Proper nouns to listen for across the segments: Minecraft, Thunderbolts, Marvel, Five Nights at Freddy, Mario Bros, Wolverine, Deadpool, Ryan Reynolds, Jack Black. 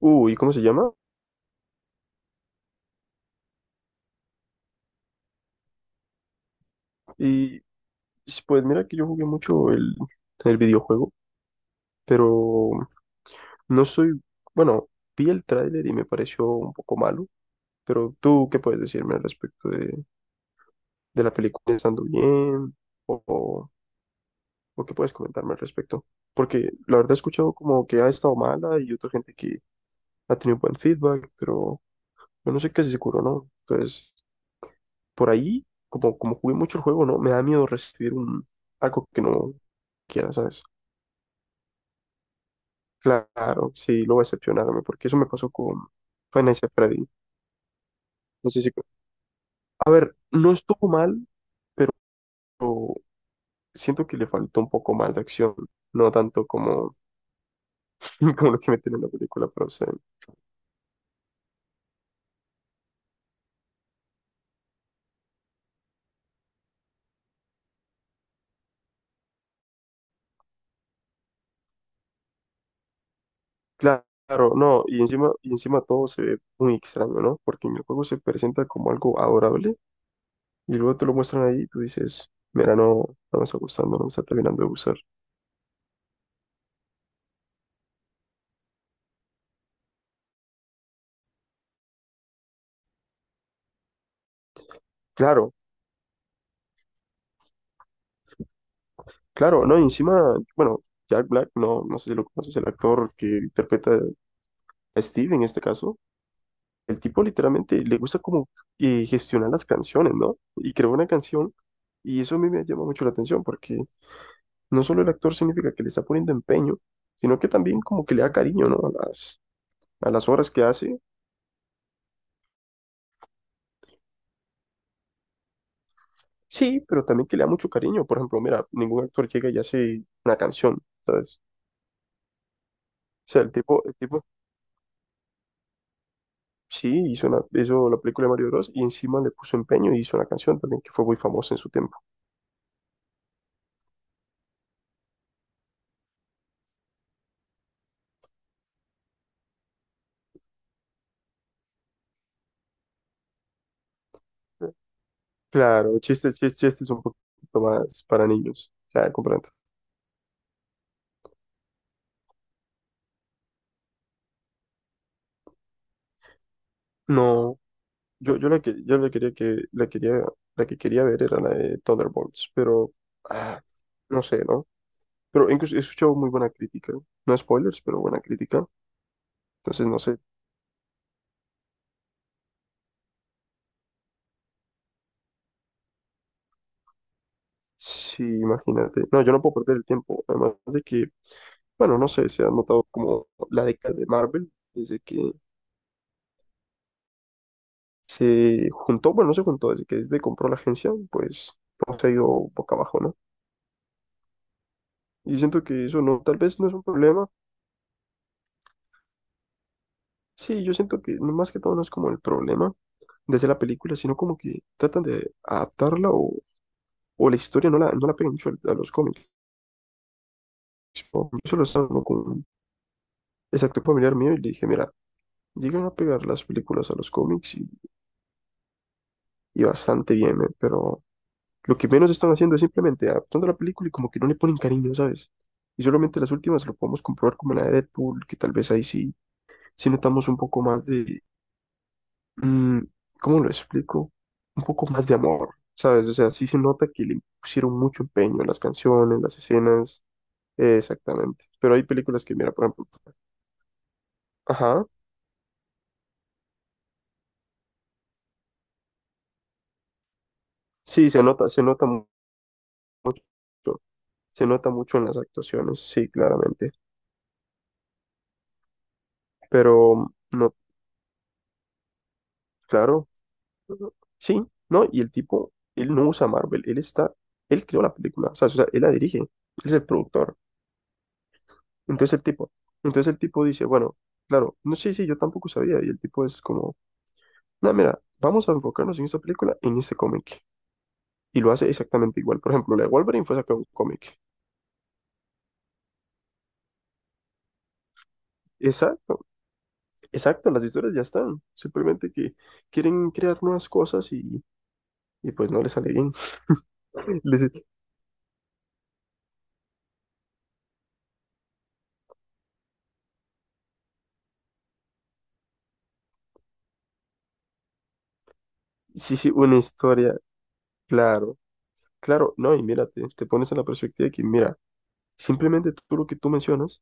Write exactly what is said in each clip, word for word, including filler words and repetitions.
Uy, ¿cómo se llama? Y s- pues mira que yo jugué mucho el, el videojuego, pero no soy, bueno, vi el tráiler y me pareció un poco malo, pero tú, ¿qué puedes decirme al respecto de, de la película estando bien? O, o, o qué puedes comentarme al respecto? Porque la verdad he escuchado como que ha estado mala y otra gente que ha tenido buen feedback, pero yo no sé qué es seguro, ¿no? Entonces, por ahí, como, como jugué mucho el juego, ¿no? Me da miedo recibir un, algo que no quiera, ¿sabes? Claro, sí, lo voy a excepcionarme, porque eso me pasó con Five Nights at Freddy. No sé si... A ver, no estuvo mal, pero siento que le faltó un poco más de acción, no tanto como, como lo que meten en la película, pero o sea, claro, no, y encima, y encima todo se ve muy extraño, ¿no? Porque en el juego se presenta como algo adorable, y luego te lo muestran ahí y tú dices, mira, no, no me está gustando, no me está terminando de gustar. Claro, claro, no, y encima, bueno, Jack Black, no, no sé si lo conoces, el actor que interpreta a Steve en este caso, el tipo literalmente le gusta como eh, gestionar las canciones, ¿no? Y creó una canción y eso a mí me llama mucho la atención porque no solo el actor significa que le está poniendo empeño, sino que también como que le da cariño, ¿no? A las, a las obras que hace. Sí, pero también que le da mucho cariño. Por ejemplo, mira, ningún actor llega y hace una canción, ¿sabes? O sea, el tipo, el tipo sí hizo, una, hizo la película de Mario Bros. Y encima le puso empeño y hizo una canción también que fue muy famosa en su tiempo. Claro, chistes, chistes, chistes un poquito más para niños. Ya, comprendo. No, yo, yo la que yo la quería que la quería la que quería ver era la de Thunderbolts, pero ah, no sé, ¿no? Pero incluso he escuchado muy buena crítica. No spoilers, pero buena crítica. Entonces no sé sí, imagínate. No, yo no puedo perder el tiempo. Además de que, bueno, no sé, se ha notado como la década de Marvel desde que se juntó, bueno, no se juntó, desde que desde compró la agencia, pues hemos ido boca abajo, ¿no? Y yo siento que eso no, tal vez no es un problema. Sí, yo siento que no más que todo no es como el problema de hacer la película, sino como que tratan de adaptarla o, o la historia no la, no la pegan mucho a, a los cómics. Yo solo estaba hablando con un exacto familiar mío y le dije, mira, llegan a pegar las películas a los cómics y, y bastante bien, eh, pero lo que menos están haciendo es simplemente adaptando la película y como que no le ponen cariño, ¿sabes? Y solamente las últimas lo podemos comprobar como la de Deadpool, que tal vez ahí sí, sí notamos un poco más de, mm, ¿cómo lo explico? Un poco más de amor, ¿sabes? O sea, sí se nota que le pusieron mucho empeño en las canciones, las escenas, eh, exactamente. Pero hay películas que, mira, por ejemplo, ajá, sí, se nota, se nota mu- mucho, se nota mucho en las actuaciones, sí, claramente. Pero, no, claro, sí, ¿no? Y el tipo, él no usa Marvel, él está, él creó la película, ¿sabes? O sea, él la dirige, él es el productor. Entonces el tipo, entonces el tipo dice, bueno, claro, no sé si yo tampoco sabía. Y el tipo es como, no, mira, vamos a enfocarnos en esta película, en este cómic. Y lo hace exactamente igual. Por ejemplo, la de Wolverine fue sacada de un cómic. Exacto, exacto, las historias ya están. Simplemente que quieren crear nuevas cosas y, y pues no les sale bien. Les- sí, sí, una historia, claro, claro, no, y mira, te, te pones en la perspectiva de que, mira, simplemente todo lo que tú mencionas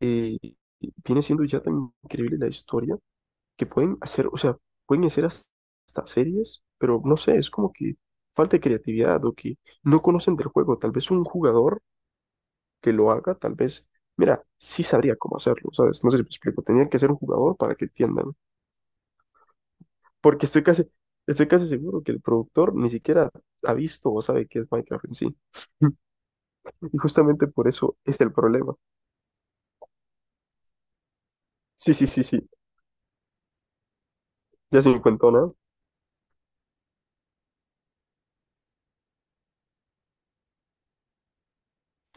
eh, viene siendo ya tan increíble la historia que pueden hacer, o sea, pueden hacer has- hasta series, pero no sé, es como que falta de creatividad o que no conocen del juego. Tal vez un jugador que lo haga, tal vez, mira, sí sabría cómo hacerlo, ¿sabes? No sé si me explico, tenían que ser un jugador para que entiendan, porque estoy casi, estoy casi seguro que el productor ni siquiera ha visto o sabe qué es Minecraft en sí. Y justamente por eso es el problema. Sí, sí, sí, sí, ya se encontró, ¿no?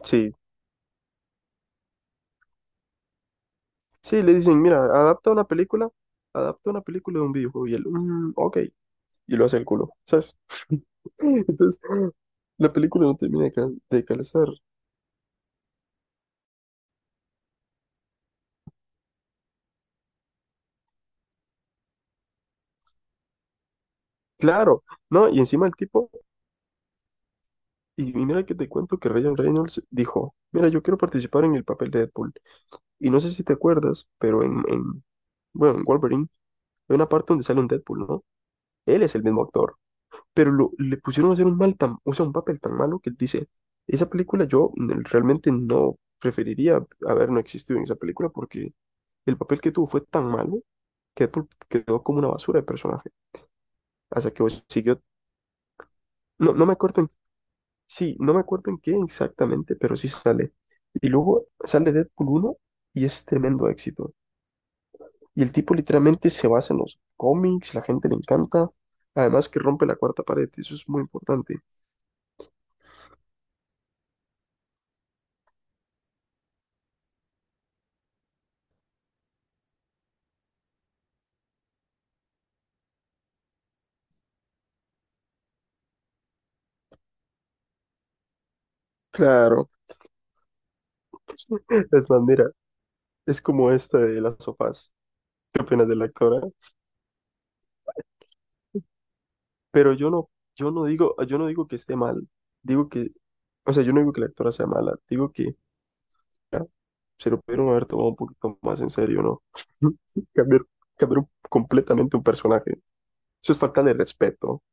Sí, sí, le dicen, mira, adapta una película. Adapta una película de un videojuego y él, "Mm, ok, y lo hacen culo, ¿sabes? Entonces, la película no termina de, cal- de calzar. Claro, no, y encima el tipo, y y mira que te cuento que Ryan Reynolds dijo, mira, yo quiero participar en el papel de Deadpool. Y no sé si te acuerdas, pero en, en- bueno, en Wolverine hay una parte donde sale un Deadpool, ¿no? Él es el mismo actor, pero lo, le pusieron a hacer un mal tan, o sea, un papel tan malo que él dice, esa película yo n- realmente no preferiría haber no existido en esa película porque el papel que tuvo fue tan malo quedó, quedó como una basura de personaje. Hasta que vos siguió, no, no me acuerdo en, sí, no me acuerdo en qué exactamente, pero sí sale. Y luego sale Deadpool uno y es tremendo éxito. Y el tipo literalmente se basa en los cómics, la gente le encanta. Además que rompe la cuarta pared, y eso es muy importante. Claro, es bandera. Es como esta de las sofás. ¿Qué opinas de la actora? Pero yo no, yo no digo, yo no digo que esté mal. Digo que, o sea, yo no digo que la actora sea mala. Digo que se lo pudieron haber tomado un poquito más en serio, ¿no? Cambiar, cambiar un- completamente un personaje. Eso es falta de respeto. O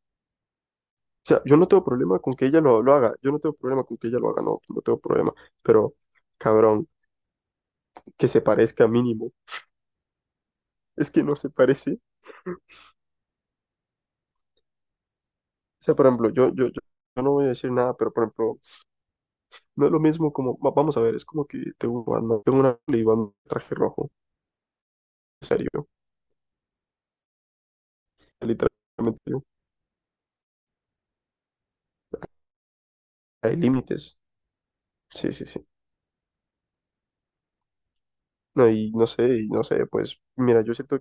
sea, yo no tengo problema con que ella lo, lo haga. Yo no tengo problema con que ella lo haga, no, no tengo problema. Pero, cabrón, que se parezca mínimo. Es que no se parece. O sea, por ejemplo, yo, yo, yo, yo no voy a decir nada, pero por ejemplo, no es lo mismo como, va- vamos a ver, es como que tengo, una- ¿no? tengo una y un traje rojo, en serio, literalmente, hay límites. Sí, sí, sí. No, y no sé, y no sé, pues mira, yo siento,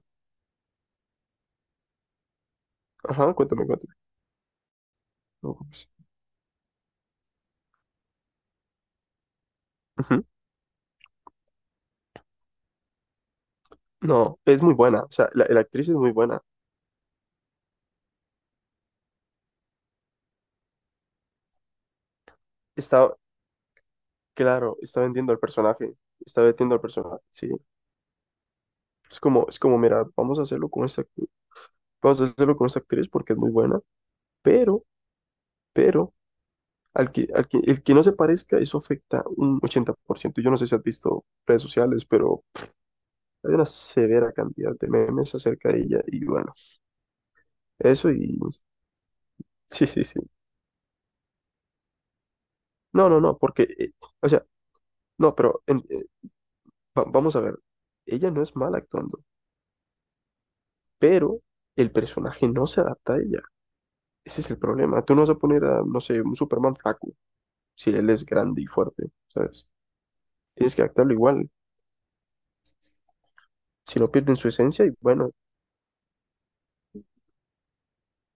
ajá, cuéntame, cuéntame. No, pues, ujú. No, es muy buena, o sea, la, la actriz es muy buena. Está, claro, está vendiendo al personaje, está vendiendo al personaje, sí. Es como, es como, mira, vamos a hacerlo con esta, actriz, vamos a hacerlo con esta actriz porque es muy buena, pero, pero, al que, al que, el que no se parezca, eso afecta un ochenta por ciento. Yo no sé si has visto redes sociales, pero hay una severa cantidad de memes acerca de ella, y bueno, eso y, sí, sí, sí. No, no, no, porque, eh, o sea, no, pero en- eh, va- vamos a ver, ella no es mala actuando, pero el personaje no se adapta a ella. Ese es el problema. Tú no vas a poner a, no sé, un Superman flaco, si él es grande y fuerte, ¿sabes? Tienes que adaptarlo igual, si no pierden su esencia y bueno,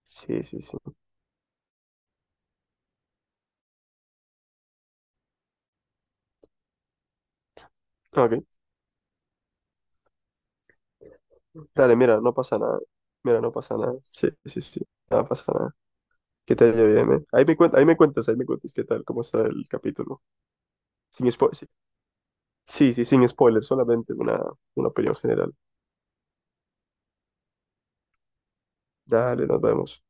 sí, sí, sí. Ok, dale, mira, no pasa nada, mira, no pasa nada, sí, sí, sí, no pasa nada. ¿Qué tal, bien, Ahí me cuentas, ahí me cuentas, ahí me cuentas qué tal, cómo está el capítulo. Sin spo- sí, sí, sí, sin spoilers, solamente una, una opinión general. Dale, nos vemos.